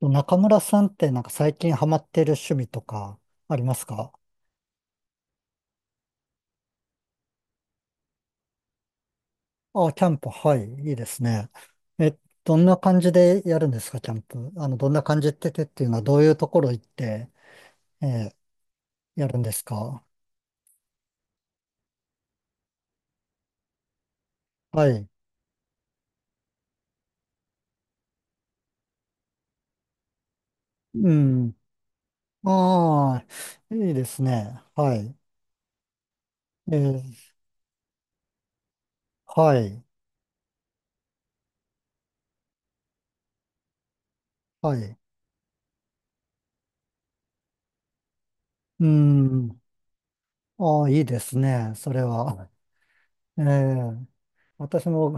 中村さんって最近ハマってる趣味とかありますか？あ、キャンプ、はい、いいですね。え、どんな感じでやるんですか、キャンプ。あの、どんな感じってっていうのはどういうところ行って、えーやるんですか？はい。うん。ああ、いいですね。はい。えーはい、はい。うん。ああ、いいですね、それは。はい。えー私も、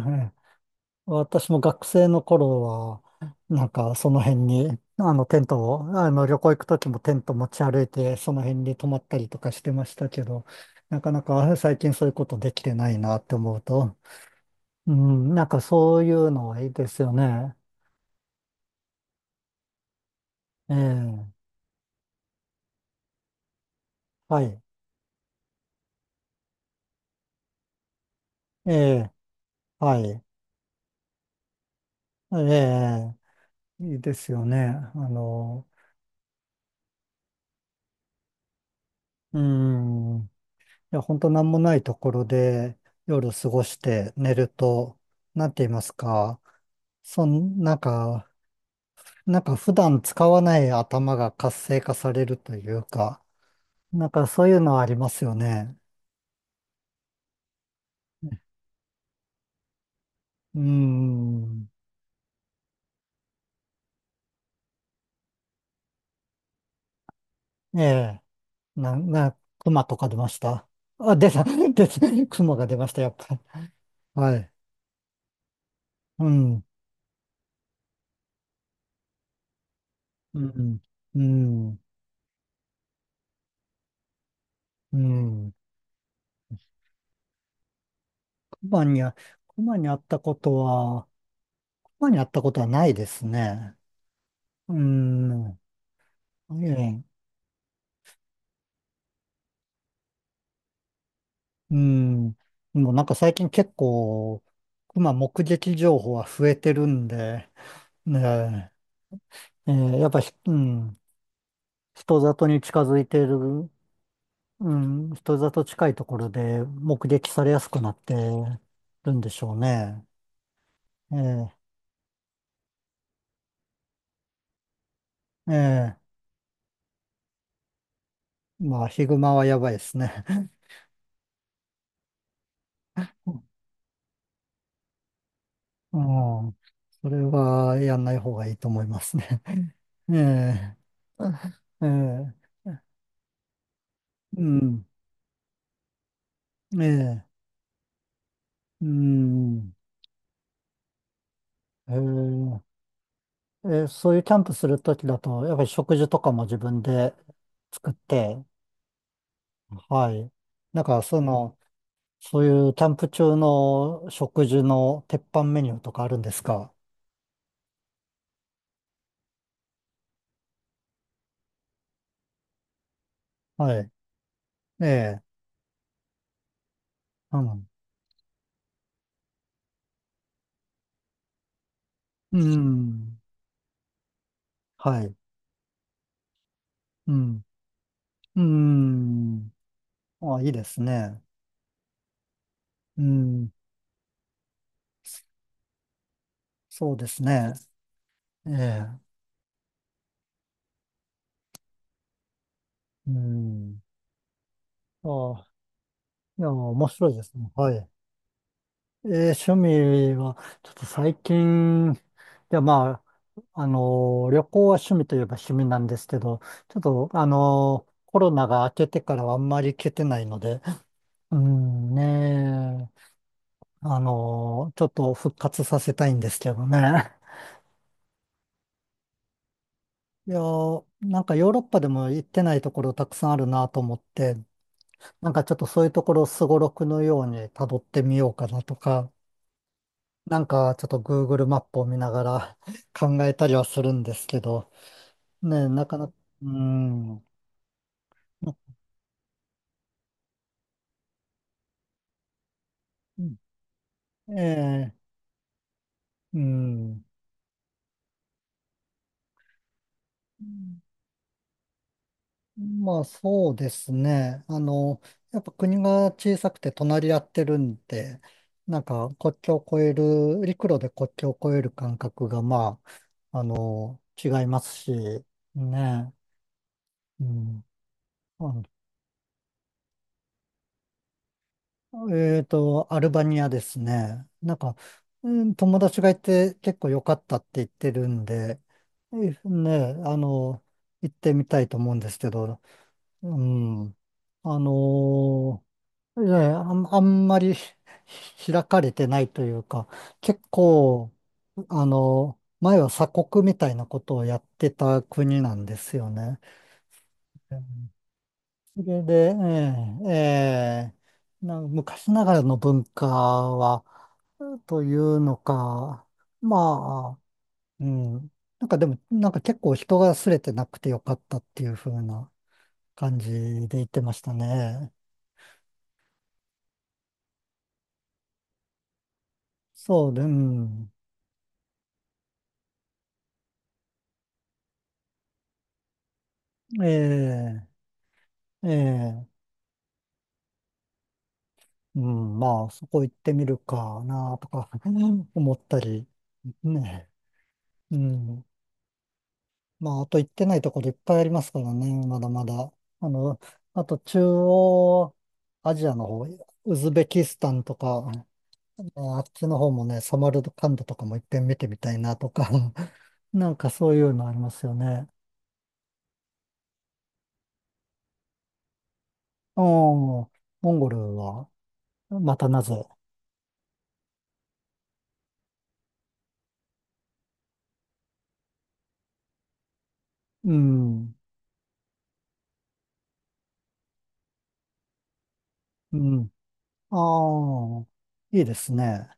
私も学生の頃は、その辺に、あのテントを、あの旅行行く時もテント持ち歩いて、その辺に泊まったりとかしてましたけど、なかなか最近そういうことできてないなって思うと、うん、なんかそういうのはいいですよね。ええ、はい、ええ、はい、ええ、いいですよね。あの、うん、いや、本当なんもないところで夜過ごして寝ると、なんて言いますか、そん、なんか、なんか普段使わない頭が活性化されるというか、なんかそういうのはありますよね。うーん。ええ。熊とか出ました？あ、出た、出た、熊が出ました、やっぱり。はい。うん。うん。うん。うん。熊には、熊に会ったことは、熊に会ったことはないですね。うん。ええ。うん。もうなんか最近結構、熊目撃情報は増えてるんで、ねえ、えーやっぱひ、うん、人里に近づいてる、うん、人里近いところで目撃されやすくなってるんでしょうね。ええ、ええ、まあ、ヒグマはやばいですね。うん、それはやんない方がいいと思いますね。ええ、ええ、うん、ええ、うん。えーえーそういうキャンプするときだと、やっぱり食事とかも自分で作って、はい。なんか、その、そういうキャンプ中の食事の鉄板メニューとかあるんですか？はい。ええ、うん。うん。はい。うん。うん。あ、いいですね。うん。そうですね。ええ。うん。あ、いや、面白いですね。はい。えー趣味は、ちょっと最近、いや、まあ、あのー旅行は趣味といえば趣味なんですけど、ちょっと、あのーコロナが明けてからはあんまり行けてないので、うんねえ、あのーちょっと復活させたいんですけどね。いやー、なんかヨーロッパでも行ってないところたくさんあるなと思って、なんかちょっとそういうところをすごろくのように辿ってみようかなとか、なんかちょっと Google マップを見ながら 考えたりはするんですけど、ね、なかなか、うーん、うん。ええ、うん。まあそうですね。あの、やっぱ国が小さくて隣り合ってるんで、なんか国境を越える、陸路で国境を越える感覚がまあ、あの、違いますし、ね。うん。えっと、アルバニアですね。なんか、うん、友達がいて結構良かったって言ってるんで、え、ね、あの、行ってみたいと思うんですけど、うん、あのー、あんまり 開かれてないというか、結構、あの、前は鎖国みたいなことをやってた国なんですよね。それで、ええ、ええ、昔ながらの文化は、というのか、まあ、うん。なんかでも、なんか結構人が擦れてなくてよかったっていう風な感じで言ってましたね。そうで、うん。ええ、ええ、うん。まあ、そこ行ってみるかなとか 思ったり、ね。うん。まあ、あと行ってないところいっぱいありますからね、まだまだ。あの、あと中央アジアの方、ウズベキスタンとか、ね、あっちの方もね、サマルカンドとかも一遍見てみたいなとか、なんかそういうのありますよね。うん、モンゴルは、またなぜ。うん、うん。ああ、いいですね。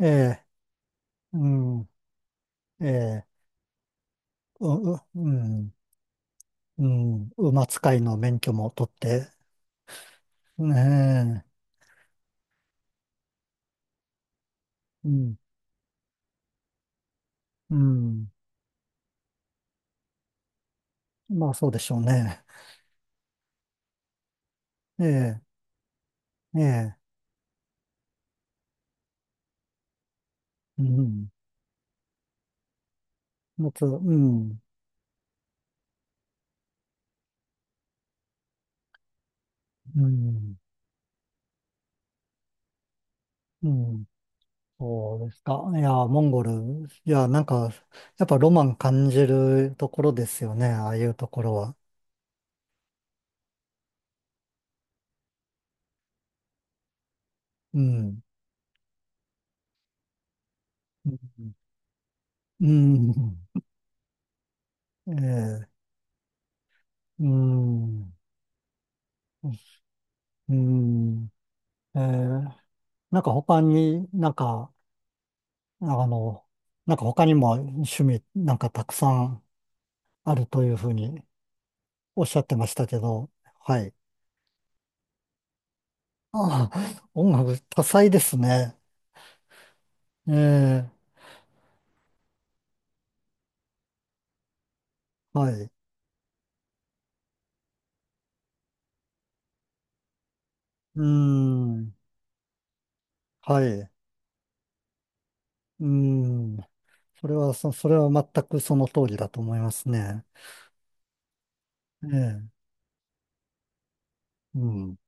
ええ、うん、ええ、う、う、うん、うん、馬使いの免許も取って、ねえ。うん、うん。まあそうでしょうね。ええ、ええ、うん。夏、うん、うん、うん。そうですか。いや、モンゴル、いや、なんか、やっぱロマン感じるところですよね、ああいうところは。うん、うん、うん、 ええ、うん、うん、ええ、なんか他になんか、あの、なんか他にも趣味なんかたくさんあるというふうにおっしゃってましたけど、はい。ああ、音楽多彩ですね。ええ、はい。うーん、はい。うーん。それは全くその通りだと思いますね。ええ、うん、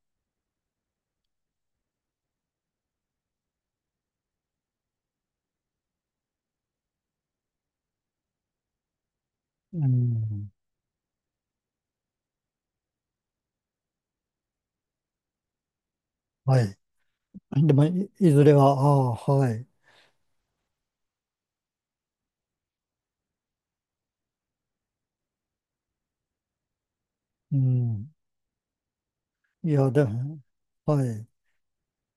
うん、はい。でも、いずれは、ああ、はい。うん。いや、でも、はい。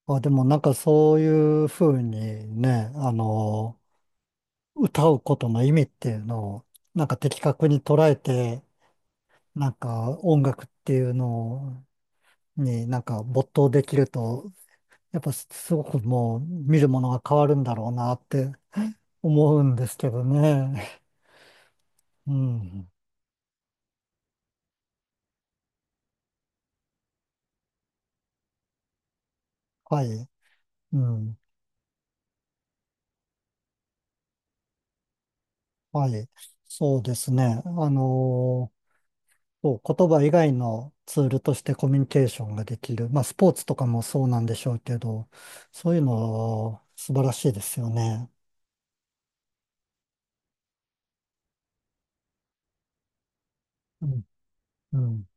あ、でもなんかそういうふうにね、あの、歌うことの意味っていうのを、なんか的確に捉えて、なんか音楽っていうのになんか没頭できると、やっぱすごくもう見るものが変わるんだろうなって思うんですけどね。うん。はい。うん。はい。そうですね。言葉以外のツールとしてコミュニケーションができる。まあ、スポーツとかもそうなんでしょうけど、そういうのは素晴らしいですよね。うん。うん